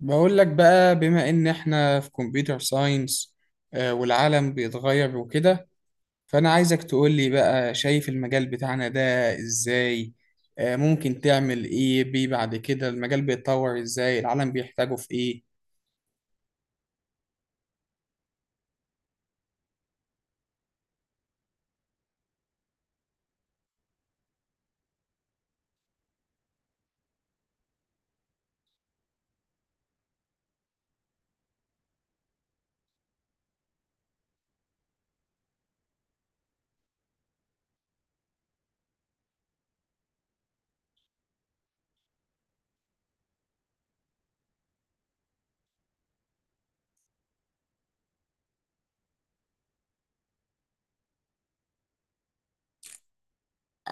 بقول لك بقى، بما ان احنا في كمبيوتر ساينس والعالم بيتغير وكده، فانا عايزك تقول لي بقى شايف المجال بتاعنا ده ازاي؟ ممكن تعمل ايه بيه بعد كده؟ المجال بيتطور ازاي؟ العالم بيحتاجه في ايه؟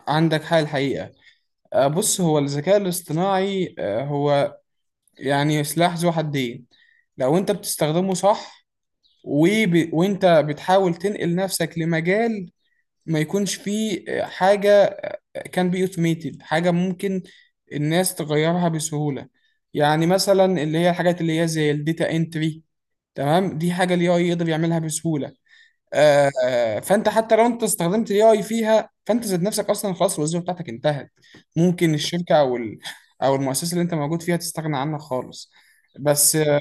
عندك حاجة الحقيقة. بص، هو الذكاء الاصطناعي هو يعني سلاح ذو حدين. لو انت بتستخدمه صح، وانت بتحاول تنقل نفسك لمجال ما يكونش فيه حاجة كان بي اوتوميتد، حاجه ممكن الناس تغيرها بسهوله. يعني مثلا اللي هي الحاجات اللي هي زي الداتا انتري. تمام، دي حاجه الاي اي يقدر يعملها بسهوله. فانت حتى لو انت استخدمت الاي اي فيها، فانت ذات نفسك اصلا خلاص الوظيفه بتاعتك انتهت. ممكن الشركه او او المؤسسه اللي انت موجود فيها تستغنى عنها خالص. بس.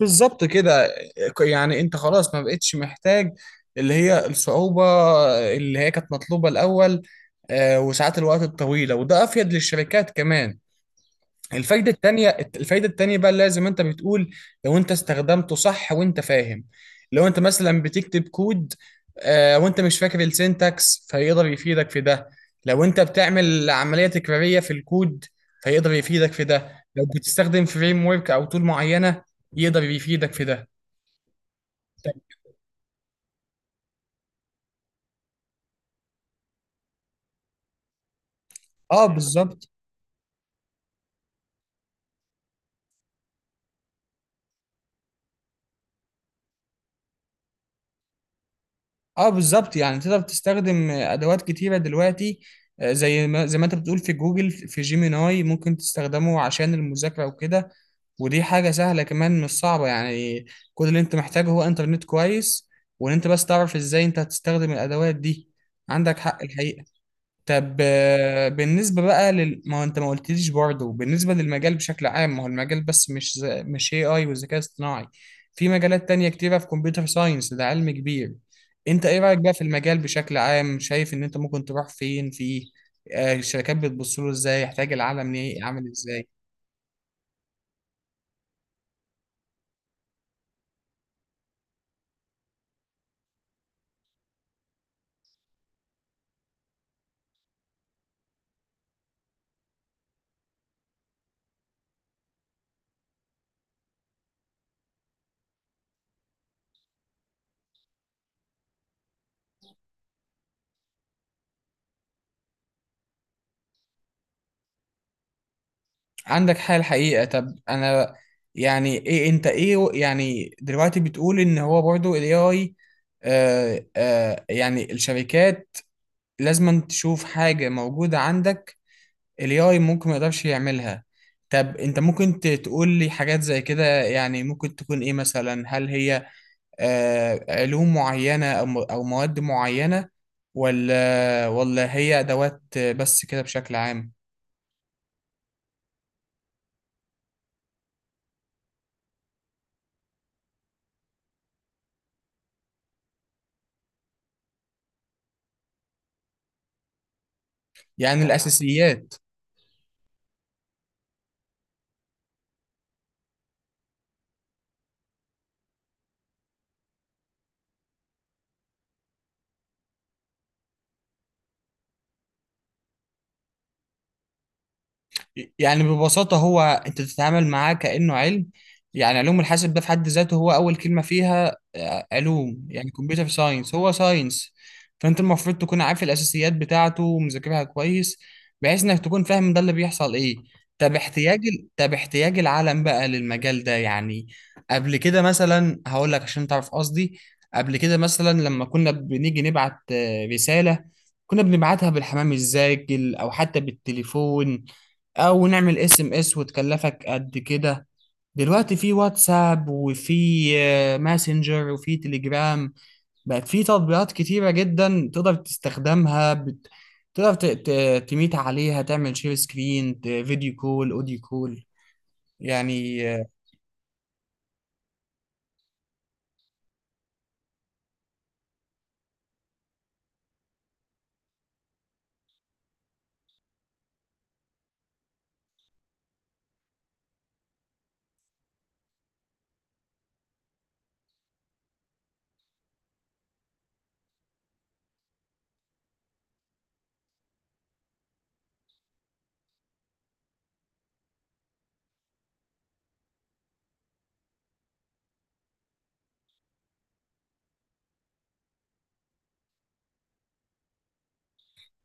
بالظبط كده. يعني انت خلاص ما بقتش محتاج اللي هي الصعوبة، اللي هي كانت مطلوبة الأول. وساعات الوقت الطويلة، وده أفيد للشركات كمان. الفايدة التانية الفايدة التانية بقى، لازم انت بتقول لو انت استخدمته صح وانت فاهم. لو انت مثلا بتكتب كود، وانت مش فاكر السينتاكس، فيقدر يفيدك في ده. لو انت بتعمل عملية تكرارية في الكود، فيقدر يفيدك في ده. لو بتستخدم فريم ورك او تول معينة، يقدر يفيدك في ده. طيب. اه، بالظبط. اه، بالظبط، يعني تقدر تستخدم ادوات كتيره دلوقتي. زي ما انت بتقول، في جوجل، في جيميناي ممكن تستخدمه عشان المذاكره وكده. ودي حاجة سهلة كمان، مش صعبة يعني. كل اللي انت محتاجه هو انترنت كويس، وان انت بس تعرف ازاي انت هتستخدم الادوات دي. عندك حق الحقيقة. طب ما هو انت ما قلتليش برضه بالنسبة للمجال بشكل عام. ما هو المجال بس، مش AI والذكاء الاصطناعي. في مجالات تانية كتيرة في كمبيوتر ساينس، ده علم كبير. انت ايه رأيك بقى في المجال بشكل عام؟ شايف ان انت ممكن تروح فين فيه؟ الشركات بتبص له ازاي؟ يحتاج العالم ليه؟ عامل ازاي؟ عندك حال الحقيقة. طب انا يعني ايه انت ايه يعني دلوقتي بتقول ان هو برضو الاي اي، يعني الشركات لازم تشوف حاجة موجودة عندك الاي اي ممكن ما يقدرش يعملها. طب انت ممكن تقول لي حاجات زي كده؟ يعني ممكن تكون ايه مثلا؟ هل هي علوم معينة او او مواد معينة؟ ولا هي ادوات بس كده بشكل عام؟ يعني الاساسيات. يعني ببساطة هو، أنت بتتعامل معاه كأنه علم. يعني علوم الحاسب ده في حد ذاته، هو أول كلمة فيها علوم، يعني كمبيوتر ساينس هو ساينس. فأنت المفروض تكون عارف الأساسيات بتاعته ومذاكرها كويس، بحيث إنك تكون فاهم ده اللي بيحصل إيه. طب احتياج العالم بقى للمجال ده يعني. قبل كده مثلا هقول لك عشان تعرف قصدي. قبل كده مثلا لما كنا بنيجي نبعت رسالة، كنا بنبعتها بالحمام الزاجل أو حتى بالتليفون، او نعمل اس ام اس وتكلفك قد كده. دلوقتي في واتساب، وفي ماسنجر، وفي تليجرام. بقت في تطبيقات كتيرة جدا تقدر تستخدمها بت... تقدر ت... ت... تميت عليها، تعمل شير سكرين، فيديو كول، اوديو كول، يعني.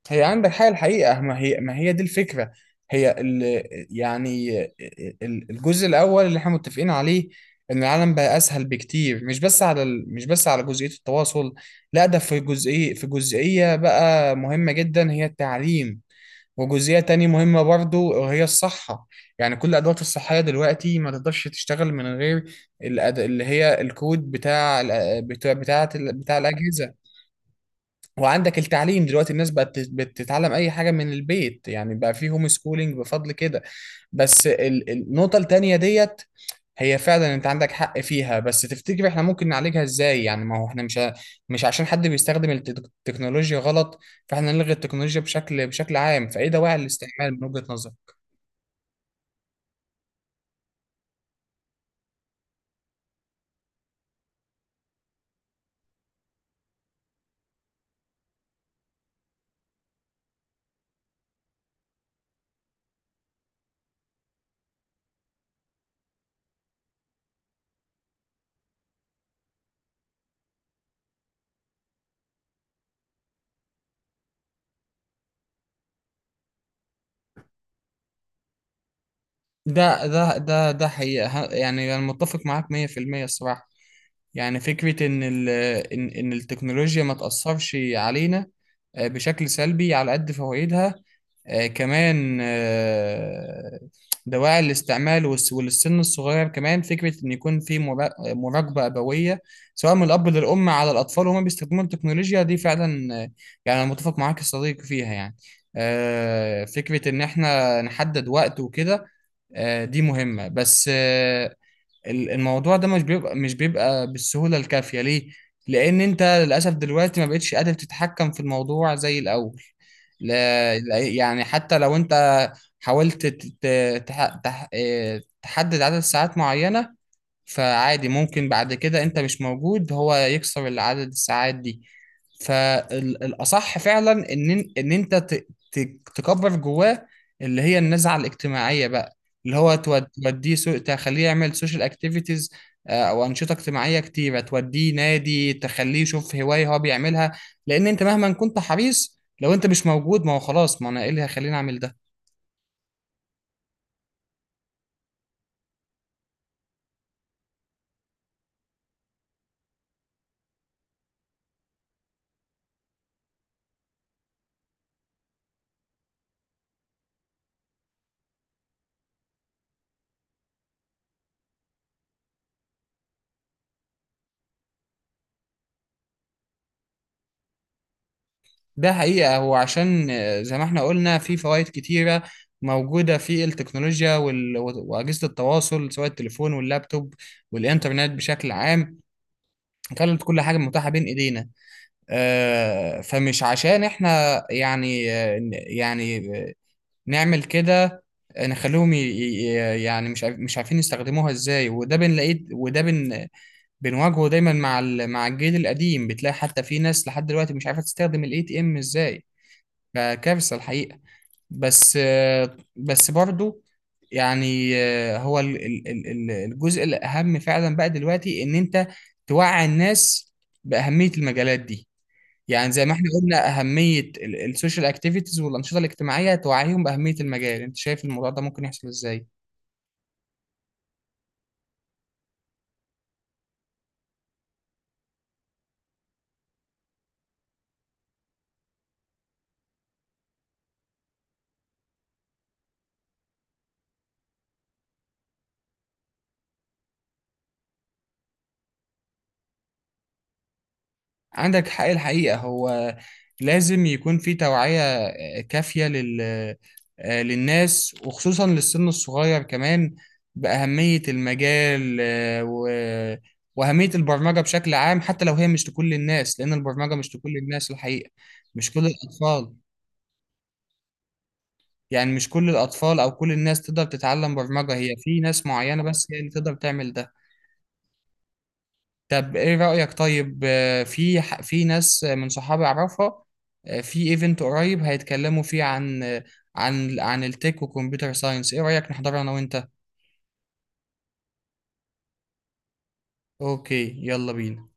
هي عندك حاجة الحقيقة، ما هي، دي الفكرة. هي ال يعني ال- الجزء الأول اللي احنا متفقين عليه إن العالم بقى أسهل بكتير، مش بس على جزئية التواصل. لا، ده في جزئية بقى مهمة جدا، هي التعليم. وجزئية تانية مهمة برضو، وهي الصحة. يعني كل الأدوات الصحية دلوقتي ما تقدرش تشتغل من غير اللي هي الكود بتاع بتاع الأجهزة. وعندك التعليم دلوقتي الناس بقت بتتعلم اي حاجه من البيت، يعني بقى في هوم سكولينج بفضل كده. بس النقطه التانيه ديت هي فعلا انت عندك حق فيها، بس تفتكر احنا ممكن نعالجها ازاي؟ يعني ما هو احنا مش عشان حد بيستخدم التكنولوجيا غلط، فاحنا نلغي التكنولوجيا بشكل عام. فايه دواعي الاستعمال من وجهة نظرك؟ ده حقيقة، يعني انا متفق معاك 100% الصراحة. يعني فكرة إن ال إن إن التكنولوجيا ما تأثرش علينا بشكل سلبي على قد فوائدها، كمان. دواعي الاستعمال وللسن الصغير كمان، فكرة إن يكون في مراقبة أبوية، سواء من الأب للأم، على الأطفال وهما بيستخدموا التكنولوجيا دي فعلا. يعني أنا متفق معاك يا صديقي فيها يعني. فكرة إن إحنا نحدد وقت وكده، دي مهمة. بس الموضوع ده مش بيبقى بالسهولة الكافية، ليه؟ لأن أنت للأسف دلوقتي ما بقتش قادر تتحكم في الموضوع زي الأول. لا، يعني حتى لو أنت حاولت ت- ت- تح- تح- إيه، تحدد عدد ساعات معينة، فعادي ممكن بعد كده انت مش موجود هو يكسر العدد الساعات دي. فالأصح فعلا إن أنت تكبر جواه، اللي هي النزعة الاجتماعية بقى، اللي هو توديه تخليه يعمل سوشيال اكتيفيتيز، أو أنشطة اجتماعية كتيرة، توديه نادي، تخليه يشوف هواية هو بيعملها. لأن أنت مهما كنت حريص لو أنت مش موجود، ما هو خلاص، ما أنا إيه اللي هيخليني أعمل ده. ده حقيقة هو عشان زي ما احنا قلنا، في فوائد كتيرة موجودة في التكنولوجيا وأجهزة التواصل، سواء التليفون واللابتوب والإنترنت بشكل عام، خلت كل حاجة متاحة بين إيدينا. فمش عشان احنا يعني يعني آه، نعمل كده، نخليهم يعني مش عارفين يستخدموها ازاي، وده بنلاقيه، وده بنواجهه دايما مع مع الجيل القديم. بتلاقي حتى في ناس لحد دلوقتي مش عارفة تستخدم الاي تي ام ازاي، فكارثة الحقيقة. بس بس برضو، يعني هو الجزء الأهم فعلا بقى دلوقتي إن أنت توعي الناس بأهمية المجالات دي. يعني زي ما احنا قلنا أهمية السوشيال اكتيفيتيز والأنشطة الاجتماعية، توعيهم بأهمية المجال. أنت شايف الموضوع ده ممكن يحصل إزاي؟ عندك حق الحقيقة. هو لازم يكون في توعية كافية لل... آه، للناس، وخصوصا للسن الصغير كمان، بأهمية المجال، وأهمية البرمجة بشكل عام. حتى لو هي مش لكل الناس، لأن البرمجة مش لكل الناس الحقيقة. مش كل الأطفال. يعني مش كل الأطفال أو كل الناس تقدر تتعلم برمجة، هي في ناس معينة بس هي اللي تقدر تعمل ده. طب ايه رأيك؟ طيب في ناس من صحابي اعرفها، في ايفنت قريب هيتكلموا فيه عن عن التك وكمبيوتر ساينس، ايه رأيك نحضره انا وانت؟ اوكي، يلا بينا.